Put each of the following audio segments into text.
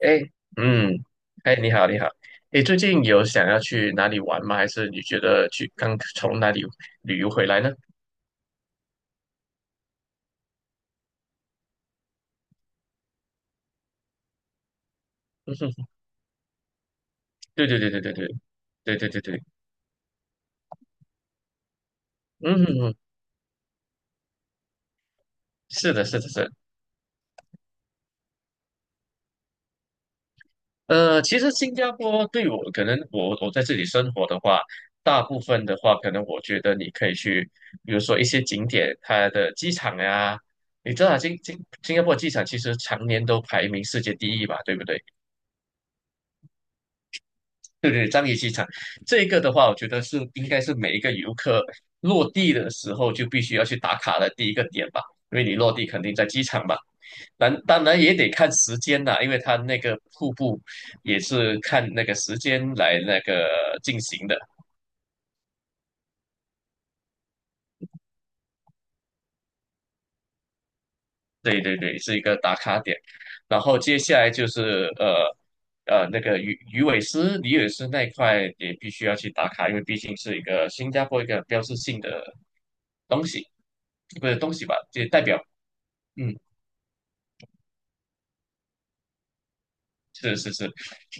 哎，嗯，哎，你好，你好。哎，最近有想要去哪里玩吗？还是你觉得去刚从哪里旅游回来呢？嗯哼。对对对对对对对对对对。嗯哼哼。是的，是的，是的。其实新加坡对我，可能我在这里生活的话，大部分的话，可能我觉得你可以去，比如说一些景点，它的机场呀、你知道啊新加坡机场其实常年都排名世界第一吧，对不对？对对，樟宜机场这个的话，我觉得是应该是每一个游客落地的时候就必须要去打卡的第一个点吧，因为你落地肯定在机场嘛。当然也得看时间啦，因为它那个瀑布也是看那个时间来那个进行的。对对对，是一个打卡点。然后接下来就是呃那个鱼尾狮、鱼尾狮那一块也必须要去打卡，因为毕竟是一个新加坡一个标志性的东西，不是东西吧，就代表。嗯。是是是。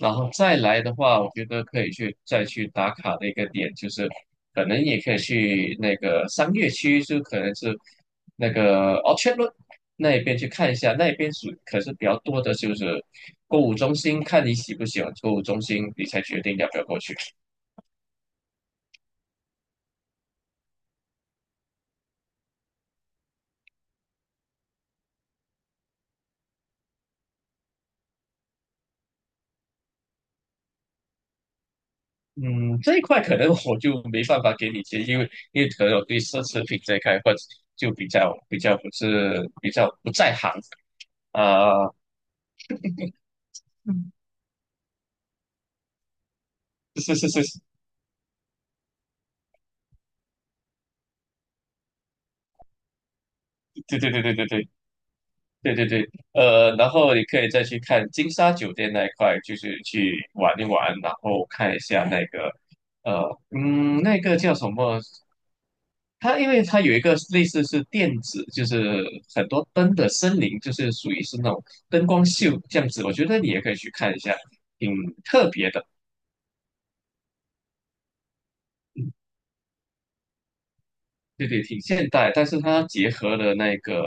然后再来的话，我觉得可以去再去打卡的一个点，就是可能也可以去那个商业区，就可能是那个 o r c a r d r o a 那一边去看一下，那一边是可是比较多的就是购物中心，看你喜不喜欢购物中心，你才决定要不要过去。嗯，这一块可能我就没办法给你建议，因为可能我对奢侈品这一块或者就比较比较不是比较不在行啊。是是是是。对对对对对对。对对对，然后你可以再去看金沙酒店那一块，就是去玩一玩，然后看一下那个，那个叫什么？它因为它有一个类似是电子，就是很多灯的森林，就是属于是那种灯光秀这样子，我觉得你也可以去看一下，挺特别的。嗯对对，挺现代，但是它结合了那个，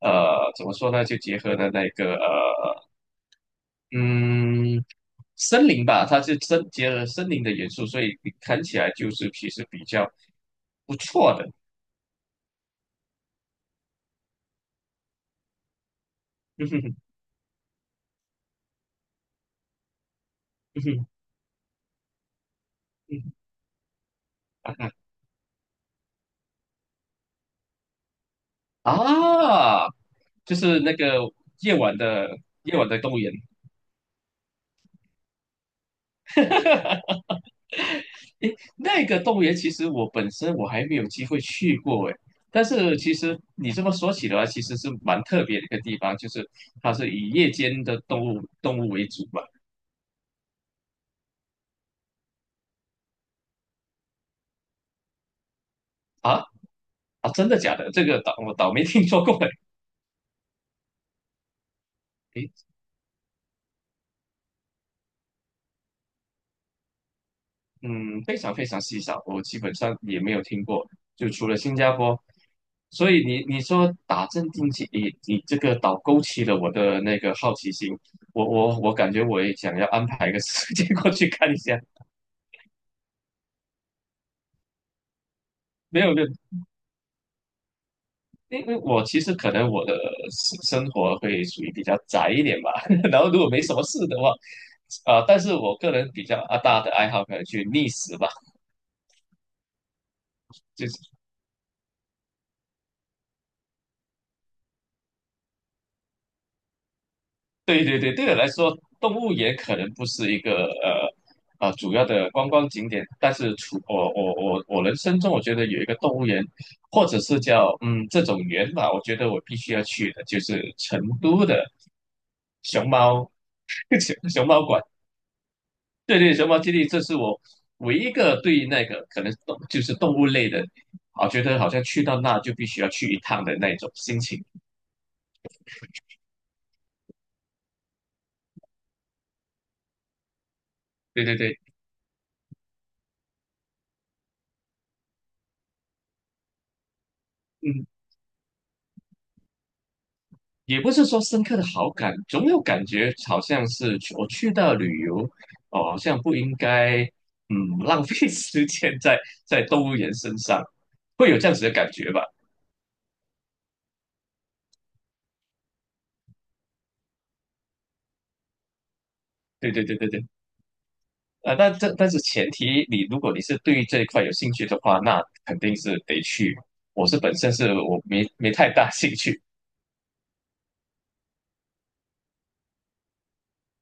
怎么说呢？就结合了那个，嗯。森林吧，它是结合森林的元素，所以你看起来就是其实比较不错的。嗯哼哼。嗯哼。嗯哼啊。啊，就是那个夜晚的夜晚的动物园。诶，那个动物园其实我本身我还没有机会去过诶，但是其实你这么说起来，其实是蛮特别的一个地方，就是它是以夜间的动物为主吧？啊。啊，真的假的？这个倒我倒没听说过诶。嗯，非常非常稀少，我基本上也没有听过，就除了新加坡。所以你说打镇定剂，你这个倒勾起了我的那个好奇心，我感觉我也想要安排一个 时间过去看一下。没有没有，因为我其实可能我的生活会属于比较宅一点吧，然后如果没什么事的话，啊、但是我个人比较啊大的爱好可能去觅食吧，就是。对对对，对我来说，动物园可能不是一个呃主要的观光景点，但是除我我人生中，我觉得有一个动物园，或者是叫这种园吧，我觉得我必须要去的，就是成都的熊猫 熊猫馆。对对，熊猫基地，这是我唯一一个对那个可能就是动物类的，啊，觉得好像去到那就必须要去一趟的那种心情。对对对。嗯，也不是说深刻的好感，总有感觉好像是我去到旅游，哦，好像不应该，嗯，浪费 时间在动物园身上，会有这样子的感觉吧？对对对对对。啊，但是前提，如果你是对这一块有兴趣的话，那肯定是得去。我本身我没太大兴趣。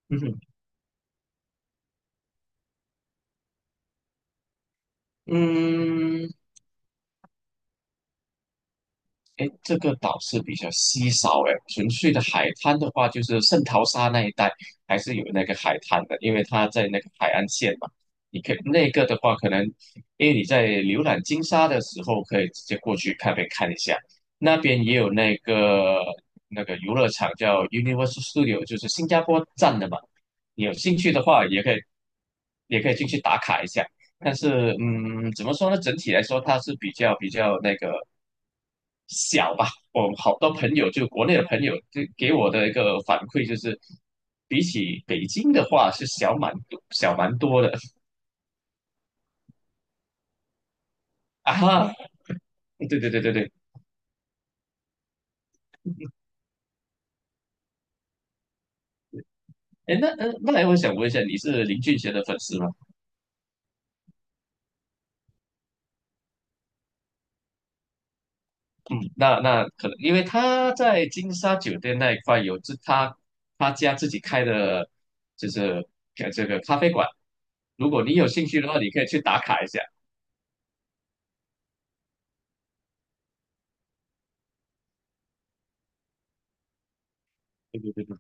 嗯哼。嗯，哎，这个岛是比较稀少哎，纯粹的海滩的话，就是圣淘沙那一带还是有那个海滩的，因为它在那个海岸线嘛。你可以那个的话，可能因为你在浏览金沙的时候，可以直接过去边看一下，那边也有那个游乐场叫 Universal Studio，就是新加坡站的嘛。你有兴趣的话，也可以进去打卡一下。但是嗯，怎么说呢？整体来说，它是比较那个小吧。我好多朋友，就国内的朋友，就给我的一个反馈就是，比起北京的话，是小蛮多的 啊哈。对对对对对。哎，那来我想问一下，你是林俊杰的粉丝吗？嗯，那可能因为他在金沙酒店那一块有他家自己开的，就是呃这个咖啡馆。如果你有兴趣的话，你可以去打卡一下。对对对对，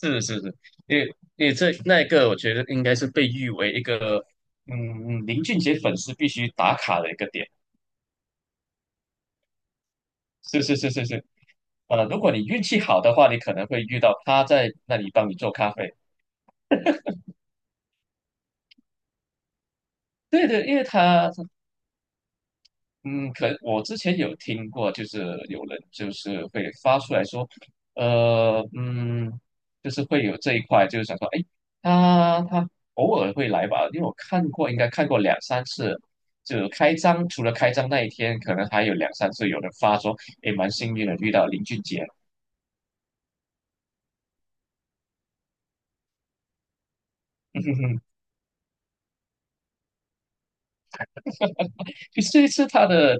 是是是，因为因为这那个，我觉得应该是被誉为一个林俊杰粉丝必须打卡的一个点。是是是是是。如果你运气好的话，你可能会遇到他在那里帮你做咖啡。对对，因为他嗯，可能我之前有听过，就是有人就是会发出来说，呃，嗯，就是会有这一块，就是想说，哎，他偶尔会来吧，因为我看过，应该看过两三次，就开张，除了开张那一天，可能还有两三次有人发说，哎，蛮幸运的遇到林俊杰。其实这一次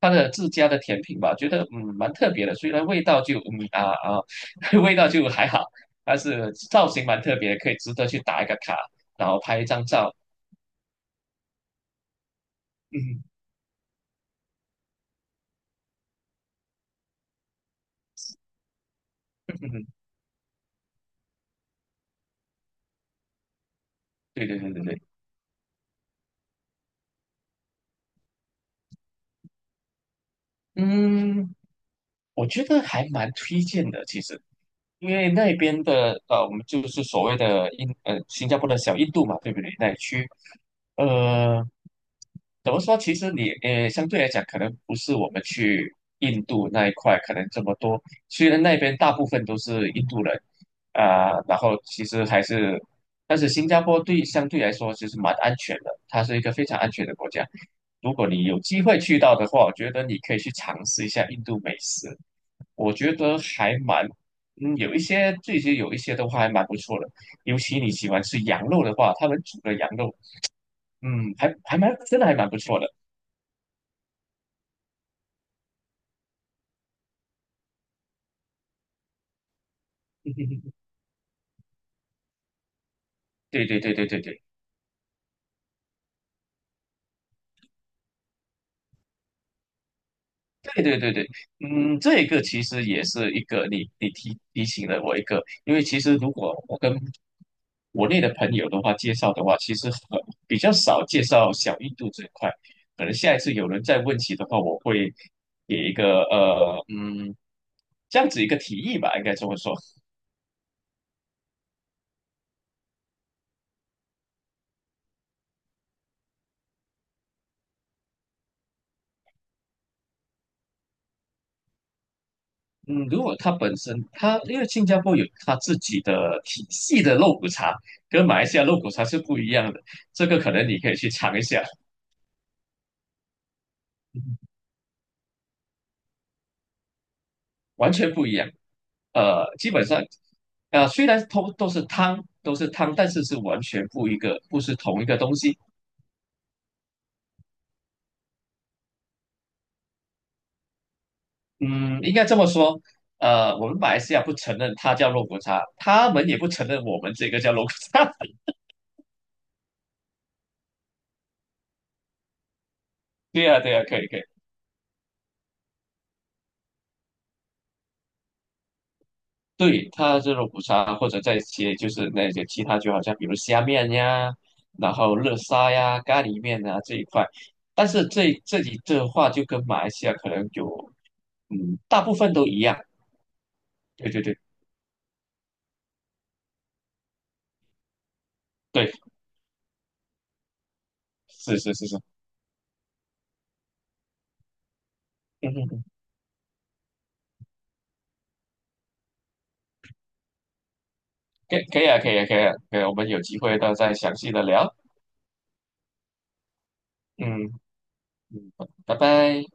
它的自家的甜品吧，觉得嗯蛮特别的，虽然味道就啊，味道就还好，但是造型蛮特别的可以值得去打一个卡，然后拍一张照。嗯。对对对对对。嗯，我觉得还蛮推荐的，其实。因为那边的呃，我们就是所谓的呃新加坡的小印度嘛，对不对？那一区，呃，怎么说？其实你呃相对来讲，可能不是我们去印度那一块可能这么多。虽然那边大部分都是印度人啊、然后其实还是，但是新加坡相对来说其实蛮安全的，它是一个非常安全的国家。如果你有机会去到的话，我觉得你可以去尝试一下印度美食。我觉得还蛮，嗯，有一些的话还蛮不错的，尤其你喜欢吃羊肉的话，他们煮的羊肉，嗯，还蛮还蛮不错的。对对对对对对。对对对对，嗯，这个其实也是一个你提醒了我一个，因为其实如果我跟国内的朋友的话介绍的话，其实很比较少介绍小印度这一块，可能下一次有人再问起的话，我会给一个这样子一个提议吧，应该这么说。嗯，如果它本身它因为新加坡有它自己的体系的肉骨茶，跟马来西亚肉骨茶是不一样的，这个可能你可以去尝一下。完全不一样。基本上，虽然都是汤，都是汤，但是是完全不一个，不是同一个东西。嗯，应该这么说。我们马来西亚不承认它叫肉骨茶，他们也不承认我们这个叫肉骨茶。对呀，对呀，可以，可以。对，它是肉骨茶，或者再些就是那些其他，就好像比如虾面呀，然后热沙呀、咖喱面啊这一块。但是这里的话，就跟马来西亚可能有，嗯，大部分都一样。对对对。对，是是是是。嗯嗯嗯。可以可以啊，可以啊，可以啊，可以啊，我们有机会到再详细的聊。嗯嗯，拜拜。